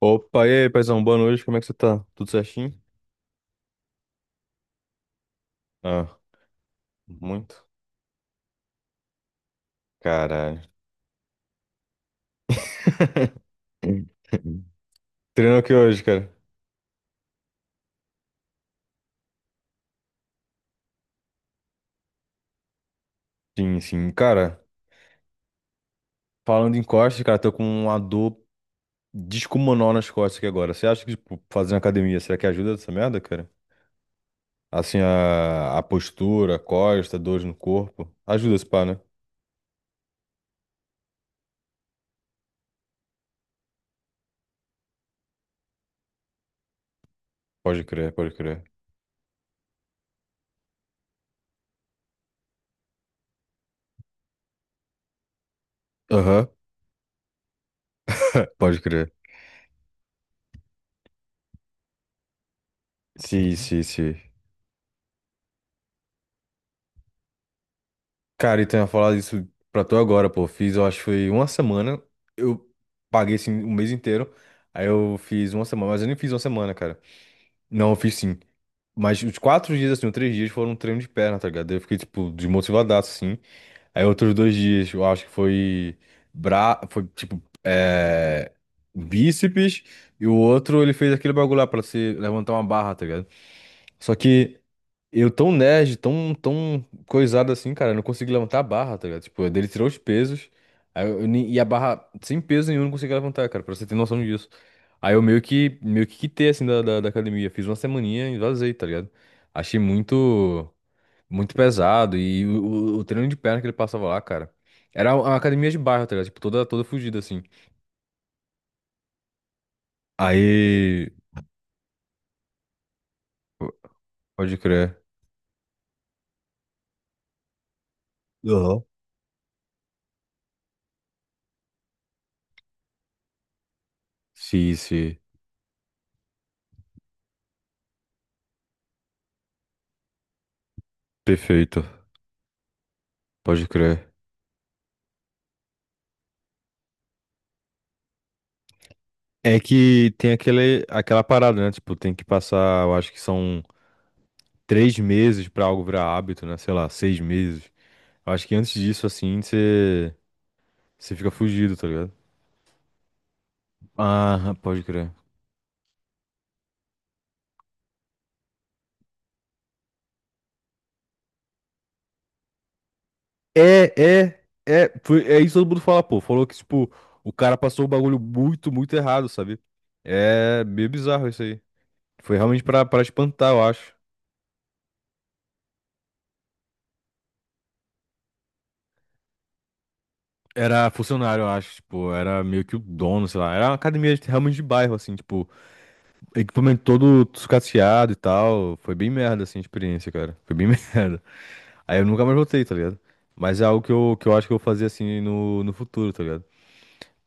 Opa, e aí, paizão, boa noite, como é que você tá? Tudo certinho? Ah, muito? Caralho. Treino aqui hoje, cara. Sim, sim. Cara, falando em costas, cara, tô com uma dor descomunal nas costas aqui agora. Você acha que, tipo, fazendo academia, será que ajuda essa merda, cara? Assim, a postura, a costa, dores no corpo. Ajuda esse pá, né? Pode crer, pode crer. Aham. Pode crer. Sim, sim, sim. Cara, então eu ia falar isso pra tu agora, pô. Fiz, eu acho que foi uma semana. Eu paguei, assim, o mês inteiro. Aí eu fiz uma semana, mas eu nem fiz uma semana, cara. Não, eu fiz sim. Mas os quatro dias, assim, os três dias foram um treino de perna, tá ligado? Eu fiquei, tipo, desmotivadaço, assim. Aí outros dois dias, eu acho que foi... Foi, tipo, Bíceps. E o outro, ele fez aquele bagulho lá pra se levantar uma barra, tá ligado? Só que... Eu tão nerd, tão, tão coisado assim, cara, eu não consigo levantar a barra, tá ligado? Tipo, ele tirou os pesos, aí eu nem- e a barra sem peso nenhum eu não consegui levantar, cara, pra você ter noção disso. Aí eu meio que quitei, assim, da academia. Fiz uma semaninha e vazei, tá ligado? Achei muito, muito pesado e o treino de perna que ele passava lá, cara, era uma academia de bairro, tá ligado? Tipo, toda fugida, assim. Aí, pode crer. Aham. Sim, sim. Perfeito. Pode crer. É que tem aquela parada, né? Tipo, tem que passar, eu acho que são três meses pra algo virar hábito, né? Sei lá, seis meses. Eu acho que antes disso, assim, você fica fugido, tá ligado? Ah, pode crer. É, é. Foi, é isso que todo mundo fala, pô. Falou que, tipo, o cara passou o bagulho muito, muito errado, sabe? É meio bizarro isso aí. Foi realmente pra espantar, eu acho. Era funcionário, eu acho, tipo, era meio que o dono, sei lá. Era uma academia realmente de bairro, assim, tipo. Equipamento todo sucateado e tal. Foi bem merda, assim, a experiência, cara. Foi bem merda. Aí eu nunca mais voltei, tá ligado? Mas é algo que eu acho que eu vou fazer, assim, no futuro, tá ligado?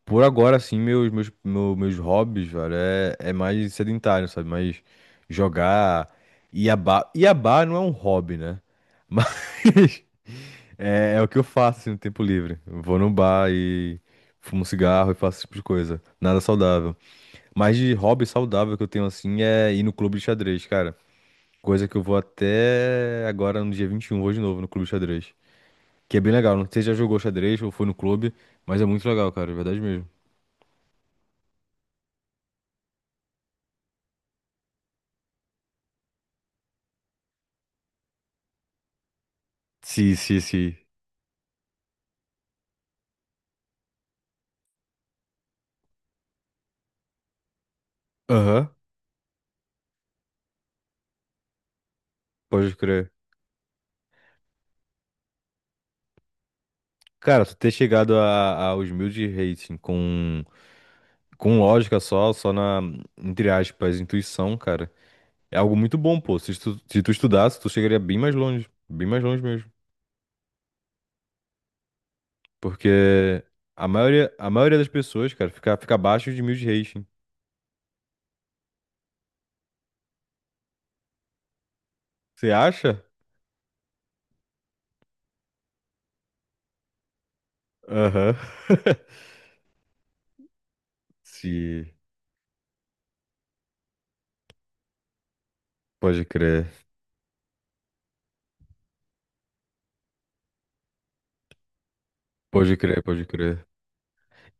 Por agora, assim, meus hobbies, velho, é mais sedentário, sabe? Mais jogar. Iabá. Iabá não é um hobby, né? Mas é o que eu faço, assim, no tempo livre. Eu vou no bar e fumo cigarro e faço esse tipo de coisa. Nada saudável. Mas de hobby saudável que eu tenho assim é ir no clube de xadrez, cara. Coisa que eu vou até agora no dia 21, vou de novo no clube de xadrez. Que é bem legal. Não sei se já jogou xadrez ou foi no clube, mas é muito legal, cara. É verdade mesmo. Sim, sim, sim. Aham, pode crer. Cara, tu ter chegado aos mil de rating com, lógica só na, entre aspas, intuição, cara, é algo muito bom, pô. Se tu estudasse, tu chegaria bem mais longe. Bem mais longe mesmo. Porque a maioria das pessoas, cara, fica abaixo de mil de rating. Você acha? Aham. Se. Pode crer. Pode crer, pode crer.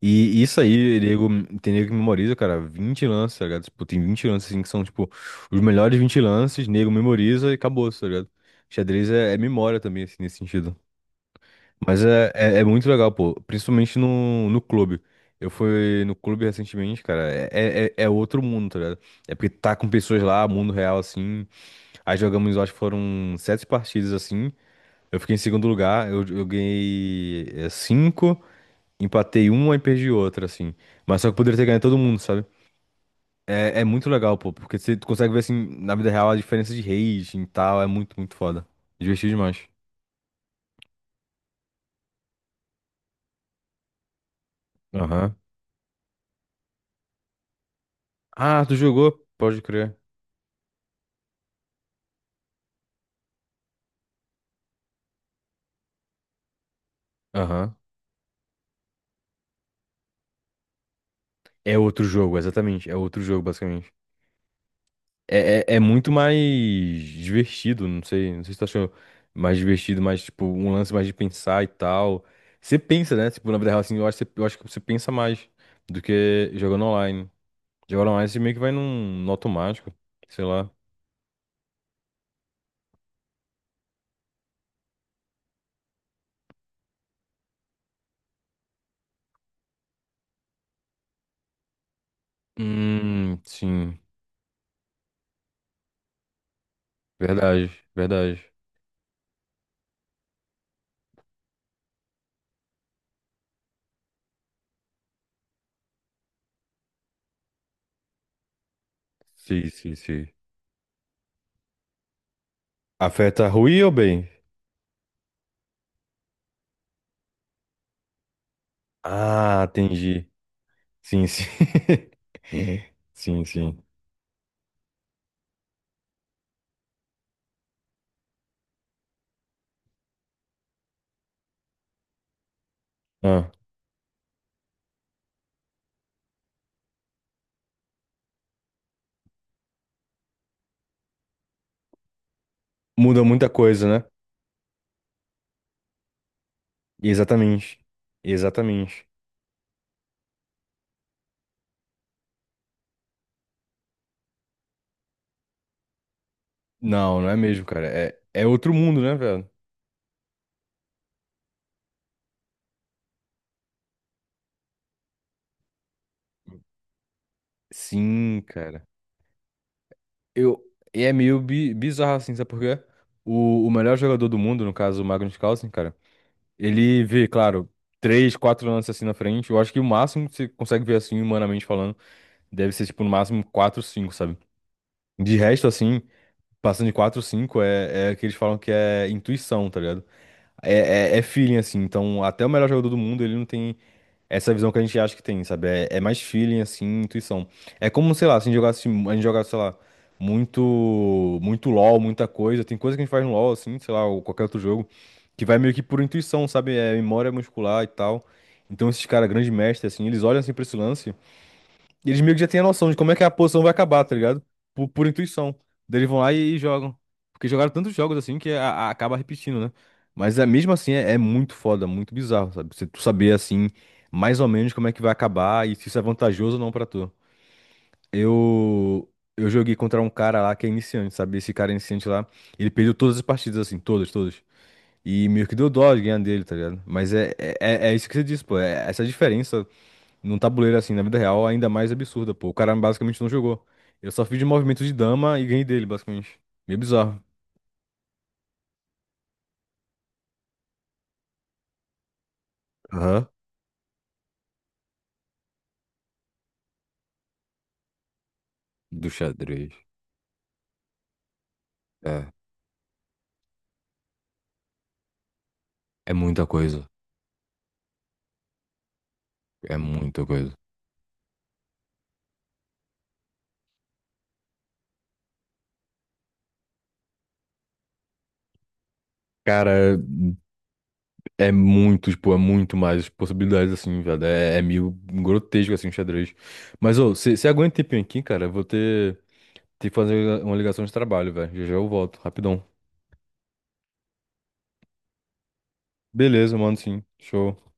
E isso aí, nego, tem nego que memoriza, cara, 20 lances, tá ligado? Tipo, tem 20 lances, assim, que são, tipo, os melhores 20 lances, nego memoriza e acabou, tá ligado? Xadrez é memória também, assim, nesse sentido. Mas é muito legal, pô. Principalmente no clube. Eu fui no clube recentemente, cara. É outro mundo, tá ligado? É porque tá com pessoas lá, mundo real, assim. Aí jogamos, eu acho que foram sete partidas, assim. Eu fiquei em segundo lugar. Eu ganhei cinco, empatei uma e perdi outra, assim. Mas só que eu poderia ter ganho todo mundo, sabe? É muito legal, pô. Porque você consegue ver, assim, na vida real a diferença de rating e tal. É muito, muito foda. Divertido demais. Aham. Ah, tu jogou? Pode crer. Aham. É outro jogo, exatamente. É outro jogo, basicamente. É muito mais divertido, não sei se tu achou mais divertido, mais tipo, um lance mais de pensar e tal. Você pensa, né? Tipo, na vida real, assim, eu acho que você pensa mais do que jogando online. Jogando online, você meio que vai no automático, sei lá. Sim. Verdade, verdade. Sim, sim, sim. Afeta ruim ou bem? Ah, entendi. Sim, sim. Sim, sim. Ah. Muda muita coisa, né? Exatamente. Exatamente. Não, não é mesmo, cara. É outro mundo, né, velho? Sim, cara. Eu, e é meio bizarro, assim, sabe por quê? O melhor jogador do mundo, no caso, o Magnus Carlsen, cara, ele vê, claro, três, quatro lances assim na frente. Eu acho que o máximo que você consegue ver, assim, humanamente falando, deve ser, tipo, no máximo quatro, cinco, sabe? De resto, assim, passando de quatro, cinco, é, é, que eles falam que é intuição, tá ligado? é feeling, assim. Então, até o melhor jogador do mundo, ele não tem. Essa visão que a gente acha que tem, sabe? É mais feeling, assim, intuição. É como, sei lá, se a gente jogasse, sei lá, muito, muito LoL, muita coisa. Tem coisa que a gente faz no LoL, assim, sei lá, ou qualquer outro jogo, que vai meio que por intuição, sabe? É memória muscular e tal. Então, esses caras, grandes mestres, assim, eles olham assim pra esse lance. Eles meio que já têm a noção de como é que a posição vai acabar, tá ligado? Por intuição. Daí eles vão lá e jogam. Porque jogaram tantos jogos assim que acaba repetindo, né? Mas é, mesmo assim é muito foda, muito bizarro, sabe? Você tu saber assim, mais ou menos como é que vai acabar e se isso é vantajoso ou não pra tu. Eu. Eu joguei contra um cara lá que é iniciante, sabe? Esse cara iniciante lá, ele perdeu todas as partidas, assim, todas, todas. E meio que deu dó de ganhar dele, tá ligado? Mas é isso que você disse, pô. É essa diferença num tabuleiro assim, na vida real, ainda mais absurda, pô. O cara basicamente não jogou. Eu só fiz de movimento de dama e ganhei dele, basicamente. Meio bizarro. Aham. Do xadrez. É. É muita coisa. É muita coisa. Cara, é muito, tipo, é muito mais possibilidades, assim, velho. É meio grotesco, assim, o xadrez. Mas, ô, você aguenta um tempinho aqui, cara? Eu vou ter que fazer uma ligação de trabalho, velho. Já já eu volto, rapidão. Beleza, mano, sim. Show.